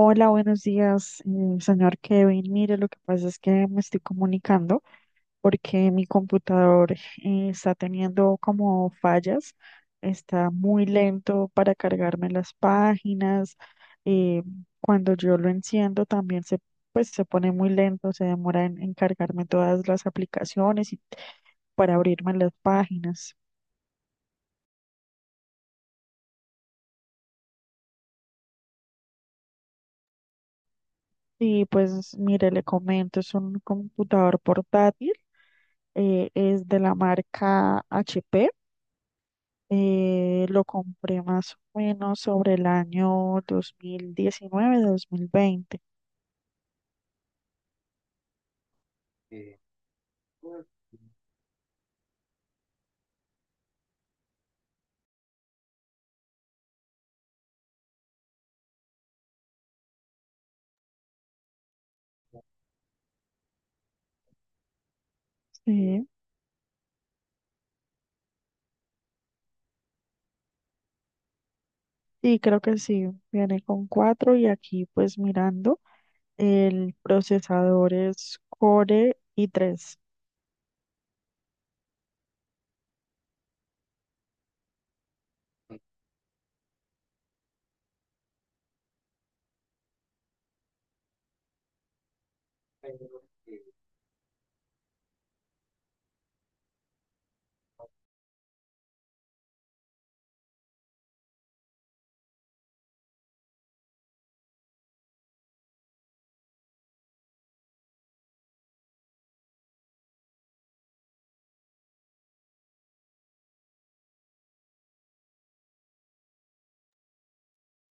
Hola, buenos días, señor Kevin. Mire, lo que pasa es que me estoy comunicando porque mi computador está teniendo como fallas, está muy lento para cargarme las páginas. eh, Cuando yo lo enciendo también pues, se pone muy lento, se demora en cargarme todas las aplicaciones y para abrirme las páginas. Sí, pues mire, le comento, es un computador portátil, es de la marca HP, lo compré más o menos sobre el año 2019 mil veinte. Sí, sí, creo que sí, viene con cuatro y aquí pues mirando, el procesador es Core i3.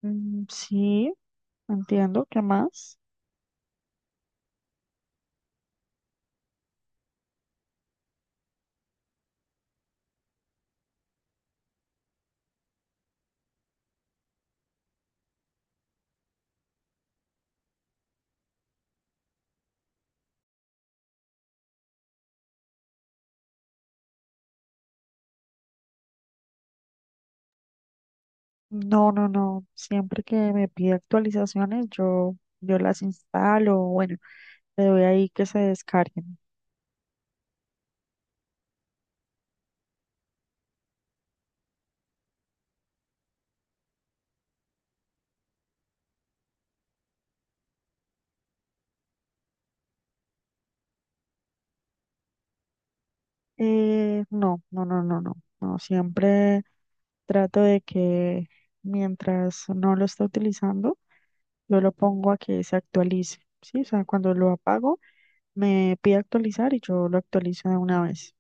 Mm, sí, entiendo, ¿qué más? No, no, no. Siempre que me pide actualizaciones, yo las instalo. Bueno, le doy ahí que se descarguen. No, no, no, no, no. No, siempre trato de que mientras no lo esté utilizando, yo lo pongo a que se actualice. Sí, o sea, cuando lo apago, me pide actualizar y yo lo actualizo de una vez.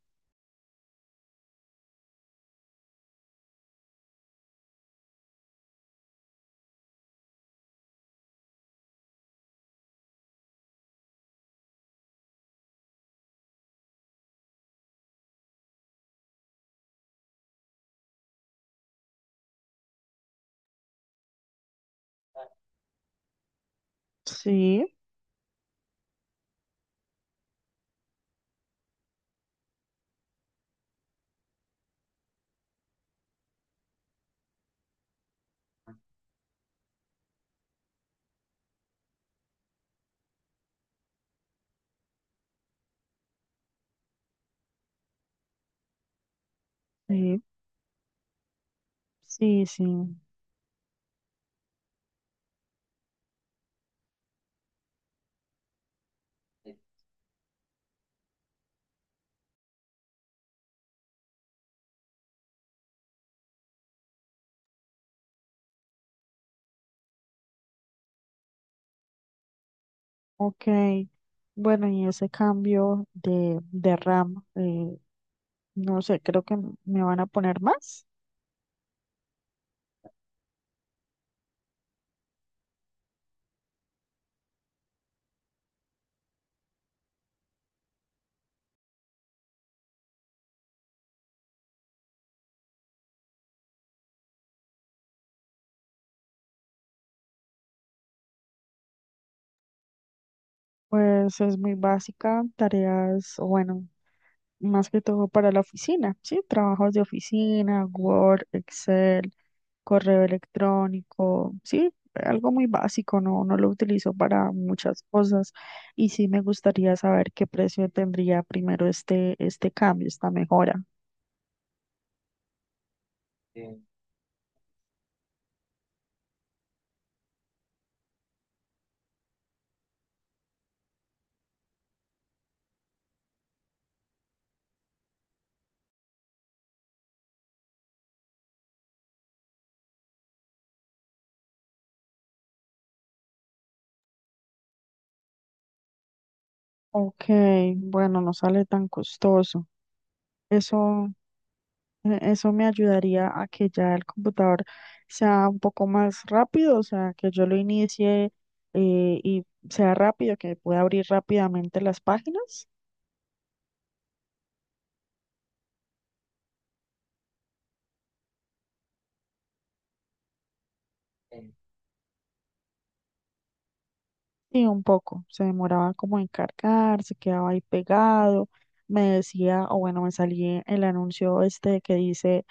Sí, sí, sí, sí. Ok. Bueno, y ese cambio de RAM. No sé, creo que me van a poner más. Pues es muy básica, tareas, o bueno, más que todo para la oficina, ¿sí? Trabajos de oficina, Word, Excel, correo electrónico, ¿sí? Algo muy básico, no, no lo utilizo para muchas cosas y sí me gustaría saber qué precio tendría primero este cambio, esta mejora. Ok, bueno, no sale tan costoso. Eso Eso me ayudaría a que ya el computador sea un poco más rápido, o sea, que yo lo inicie y sea rápido, que pueda abrir rápidamente las páginas. Y un poco, se demoraba como en cargar, se quedaba ahí pegado. Me decía, o bueno, me salía el anuncio este que dice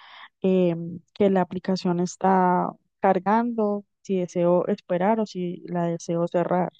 que la aplicación está cargando, si deseo esperar o si la deseo cerrar.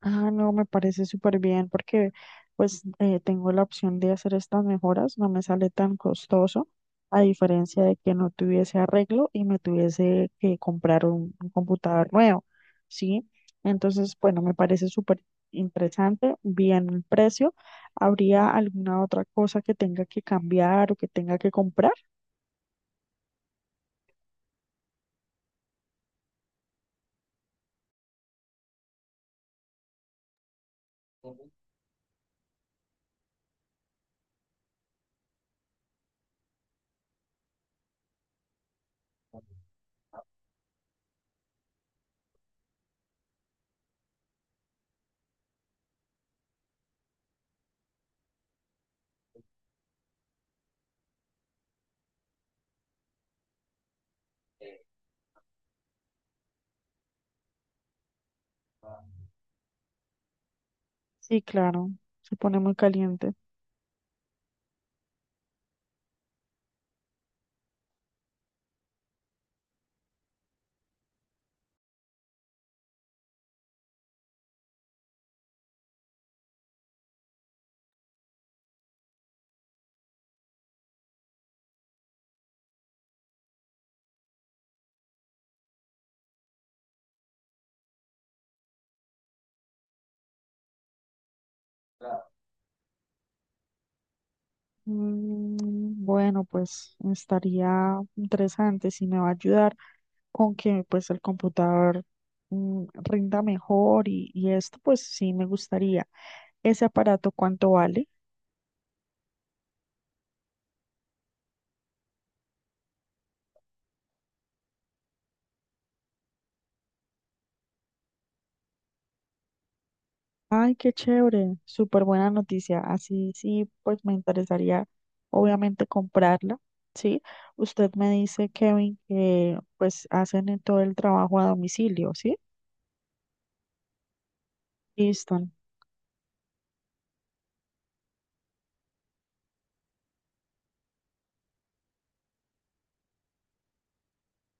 Ah, no, me parece súper bien porque pues tengo la opción de hacer estas mejoras, no me sale tan costoso, a diferencia de que no tuviese arreglo y me tuviese que comprar un computador nuevo, ¿sí? Entonces, bueno, me parece súper interesante, bien el precio. ¿Habría alguna otra cosa que tenga que cambiar o que tenga que comprar? Sí, claro, se pone muy caliente. Mm. Bueno, pues estaría interesante si me va a ayudar con que pues el computador rinda mejor y esto pues sí me gustaría. ¿Ese aparato cuánto vale? Ay, qué chévere, súper buena noticia. Así sí, pues me interesaría obviamente comprarla, ¿sí? Usted me dice, Kevin, que pues hacen en todo el trabajo a domicilio, ¿sí? Listo.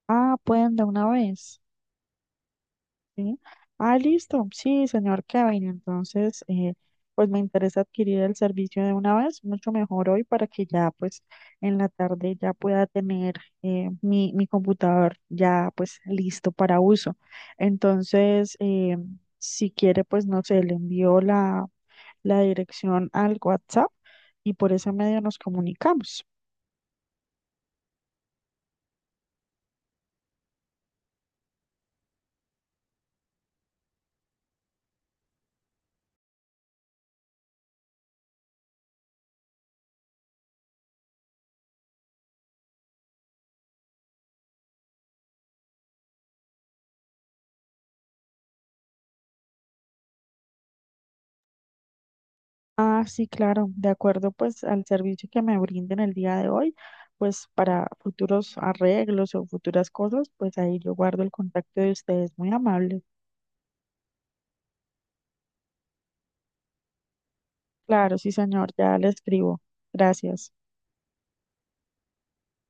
Ah, pueden de una vez. Sí. Ah, listo. Sí, señor Kevin. Entonces, pues me interesa adquirir el servicio de una vez, mucho mejor hoy para que ya, pues, en la tarde ya pueda tener mi computador ya, pues, listo para uso. Entonces, si quiere, pues, no sé, le envío la dirección al WhatsApp y por ese medio nos comunicamos. Ah, sí, claro, de acuerdo pues al servicio que me brinden el día de hoy, pues para futuros arreglos o futuras cosas, pues ahí yo guardo el contacto de ustedes, muy amable. Claro, sí, señor, ya le escribo. Gracias.